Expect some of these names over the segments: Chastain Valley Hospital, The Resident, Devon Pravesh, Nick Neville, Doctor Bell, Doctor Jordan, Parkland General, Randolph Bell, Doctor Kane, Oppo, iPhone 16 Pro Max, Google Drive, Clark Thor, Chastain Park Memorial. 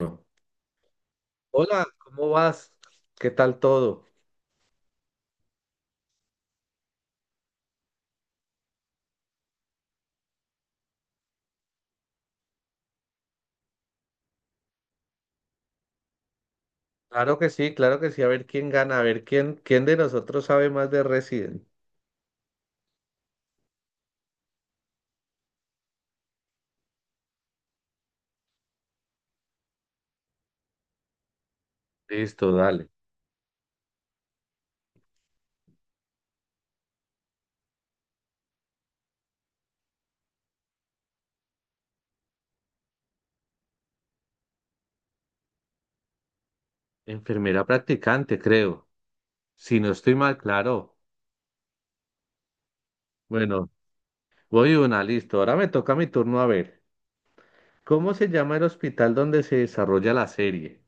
No. Hola, ¿cómo vas? ¿Qué tal todo? Claro que sí, claro que sí. A ver quién gana, a ver quién de nosotros sabe más de Resident. Listo, dale. Enfermera practicante, creo. Si no estoy mal, claro. Bueno, voy una, listo. Ahora me toca mi turno a ver. ¿Cómo se llama el hospital donde se desarrolla la serie?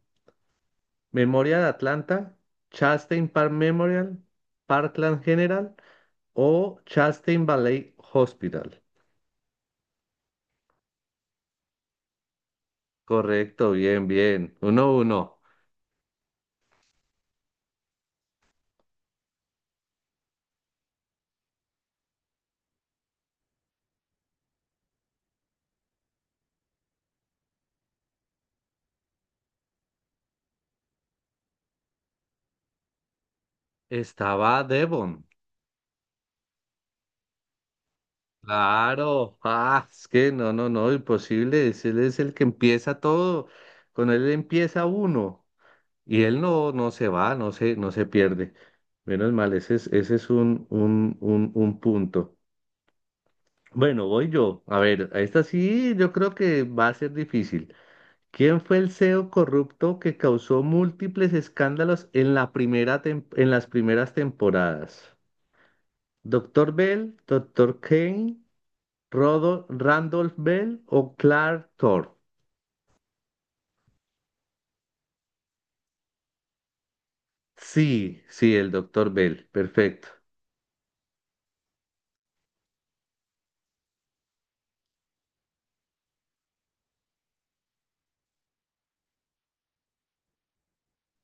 ¿Memoria de Atlanta? ¿Chastain Park Memorial? ¿Parkland General? ¿O Chastain Valley Hospital? Correcto, bien, bien. Uno, uno. Estaba Devon. Claro. Ah, es que no, imposible. Él es el que empieza todo. Con él empieza uno. Y él no se va, no se pierde. Menos mal, ese es un punto. Bueno, voy yo. A ver, a esta sí yo creo que va a ser difícil. ¿Quién fue el CEO corrupto que causó múltiples escándalos en la primera en las primeras temporadas? ¿Doctor Bell? ¿Doctor Kane? Randolph Bell o Clark Thor. Sí, sí, el doctor Bell, perfecto.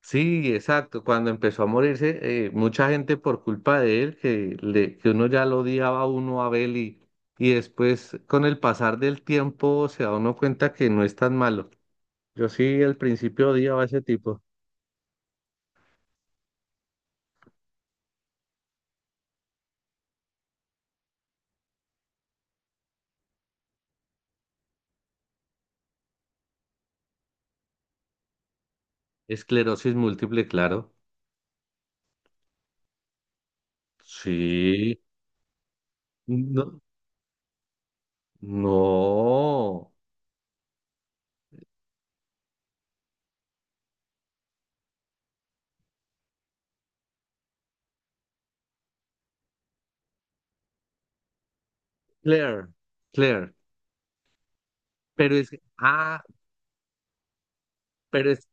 Sí, exacto. Cuando empezó a morirse, mucha gente por culpa de él, que uno ya lo odiaba a uno a Bell y después con el pasar del tiempo se da uno cuenta que no es tan malo. Yo sí al principio odiaba a ese tipo. Esclerosis múltiple, claro. Sí. No. No. Claire, Claire. Pero es, ah, pero es.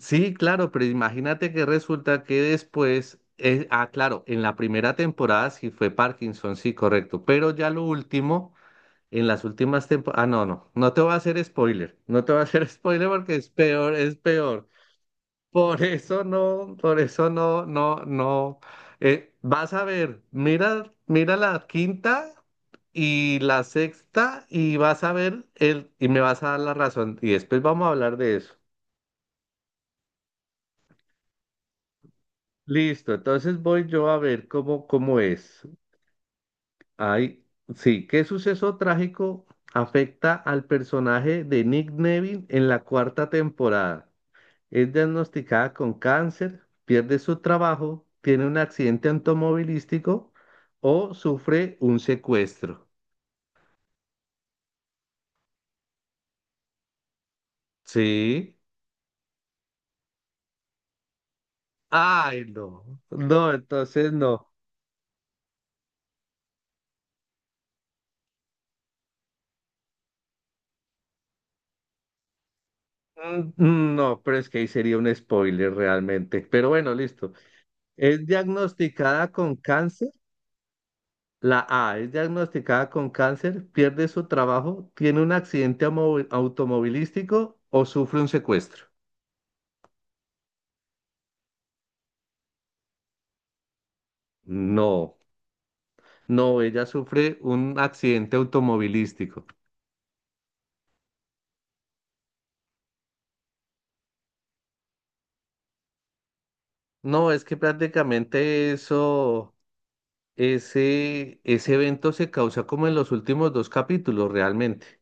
Sí, claro, pero imagínate que resulta que después, claro, en la primera temporada sí fue Parkinson, sí, correcto, pero ya lo último, en las últimas temporadas, no te voy a hacer spoiler, no te voy a hacer spoiler porque es peor, es peor. Por eso no, vas a ver, mira, mira la quinta y la sexta y vas a ver y me vas a dar la razón y después vamos a hablar de eso. Listo, entonces voy yo a ver cómo, cómo es. Ay, sí, ¿qué suceso trágico afecta al personaje de Nick Neville en la cuarta temporada? Es diagnosticada con cáncer, pierde su trabajo, tiene un accidente automovilístico o sufre un secuestro. Sí. Ay, no. No, entonces no. Mm, mm, no, pero es que ahí sería un spoiler realmente. Pero bueno, listo. Es diagnosticada con cáncer La A es diagnosticada con cáncer, pierde su trabajo, tiene un accidente automovilístico o sufre un secuestro. No, no, ella sufre un accidente automovilístico. No, es que prácticamente eso, ese evento se causa como en los últimos dos capítulos realmente.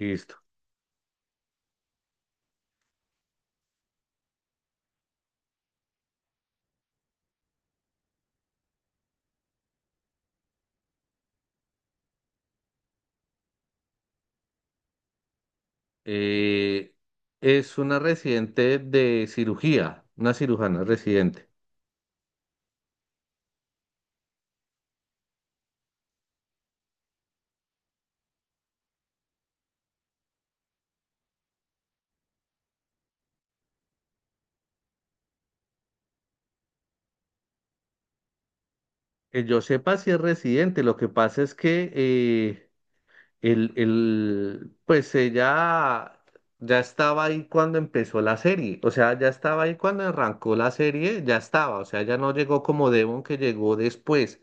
Listo. Eh, es una residente de cirugía, una cirujana residente. Que yo sepa si es residente, lo que pasa es que... pues ella ya estaba ahí cuando empezó la serie, o sea, ya estaba ahí cuando arrancó la serie, ya estaba, o sea, ya no llegó como Devon que llegó después,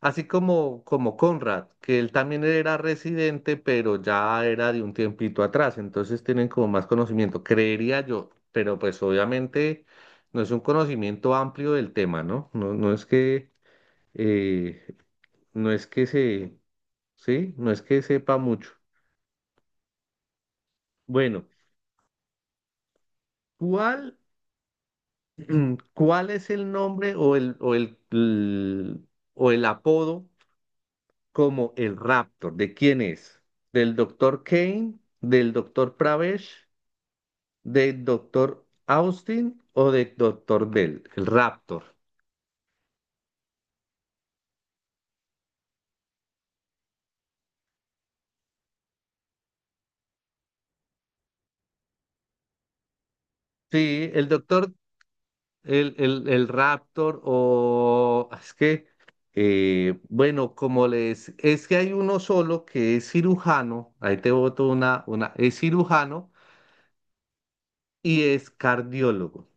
así como, como Conrad, que él también era residente, pero ya era de un tiempito atrás, entonces tienen como más conocimiento, creería yo, pero pues obviamente no es un conocimiento amplio del tema, ¿no? No, no es que, eh, no es que se, sí, no es que sepa mucho. Bueno, ¿cuál, cuál es el nombre o el apodo como el Raptor? ¿De quién es? ¿Del doctor Kane? ¿Del doctor Pravesh? ¿Del doctor Austin o del doctor Bell? El Raptor. Sí, el doctor, el Raptor o es que, bueno, como les, es que hay uno solo que es cirujano, ahí te boto una, es cirujano y es cardiólogo.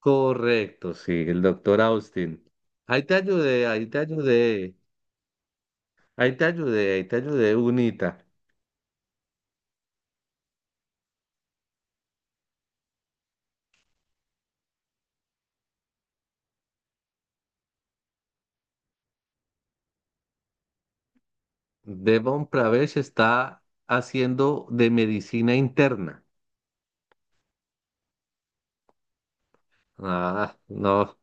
Correcto, sí, el doctor Austin. Ahí te ayudé, ahí te ayudé, ahí te ayudé, ahí te ayudé, Unita. Devon Pravesh está haciendo de medicina interna. Ah, no.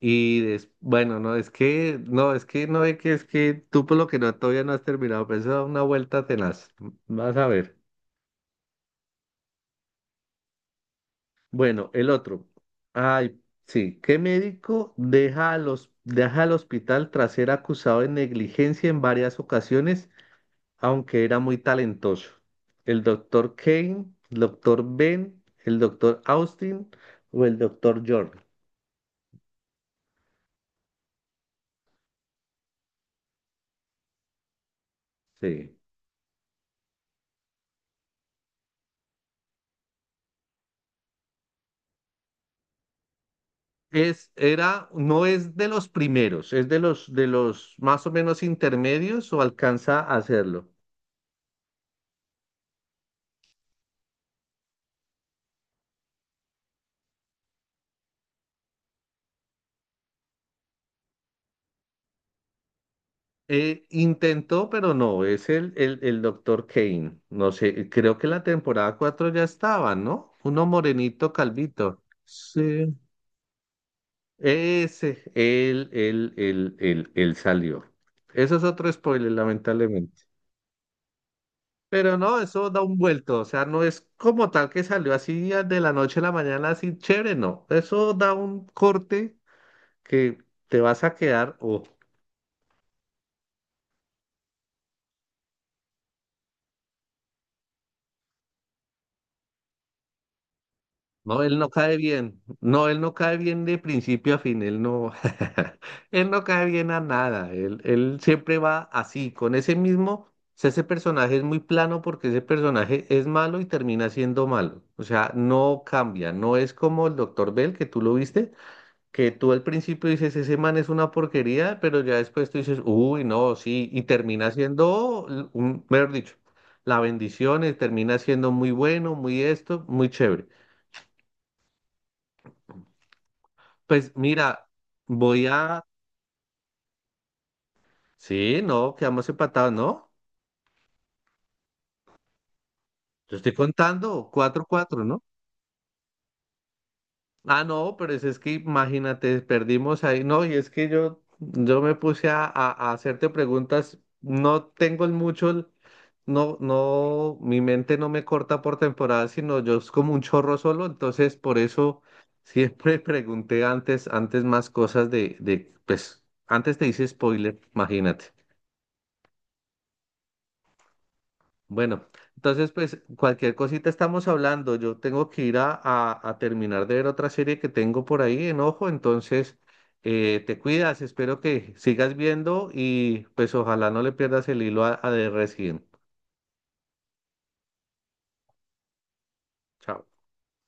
Bueno, no, es que tú por lo que no todavía no has terminado, pero eso da una vuelta tenaz. Vas a ver. Bueno, el otro. Ay, sí. ¿Qué médico deja al hospital tras ser acusado de negligencia en varias ocasiones, aunque era muy talentoso? ¿El doctor Kane, el doctor Ben, el doctor Austin o el doctor Jordan? Sí. Es, era, no es de los primeros, es de los más o menos intermedios o alcanza a hacerlo. Intentó, pero no, es el doctor Kane. No sé, creo que la temporada 4 ya estaba, ¿no? Uno morenito calvito. Sí. Ese, él salió. Eso es otro spoiler, lamentablemente. Pero no, eso da un vuelto. O sea, no es como tal que salió así de la noche a la mañana, así chévere, no. Eso da un corte que te vas a quedar, ojo. No, él no cae bien. No, él no cae bien de principio a fin. Él no, él no cae bien a nada. Él siempre va así, con ese mismo. O sea, ese personaje es muy plano porque ese personaje es malo y termina siendo malo. O sea, no cambia. No es como el Doctor Bell, que tú lo viste, que tú al principio dices, ese man es una porquería, pero ya después tú dices, uy, no, sí, y termina siendo, un, mejor dicho, la bendición, y termina siendo muy bueno, muy esto, muy chévere. Pues mira, voy a... Sí, no, quedamos empatados, ¿no? Yo estoy contando, cuatro cuatro, ¿no? Ah, no, pero es que imagínate, perdimos ahí, no, y es que yo, me puse a, a hacerte preguntas, no tengo el mucho, no, mi mente no me corta por temporada, sino yo es como un chorro solo, entonces por eso siempre pregunté antes, antes más cosas de, pues, antes te hice spoiler, imagínate. Bueno, entonces pues cualquier cosita estamos hablando. Yo tengo que ir a, a terminar de ver otra serie que tengo por ahí en ojo, entonces te cuidas, espero que sigas viendo y pues ojalá no le pierdas el hilo a The Resident. Chao.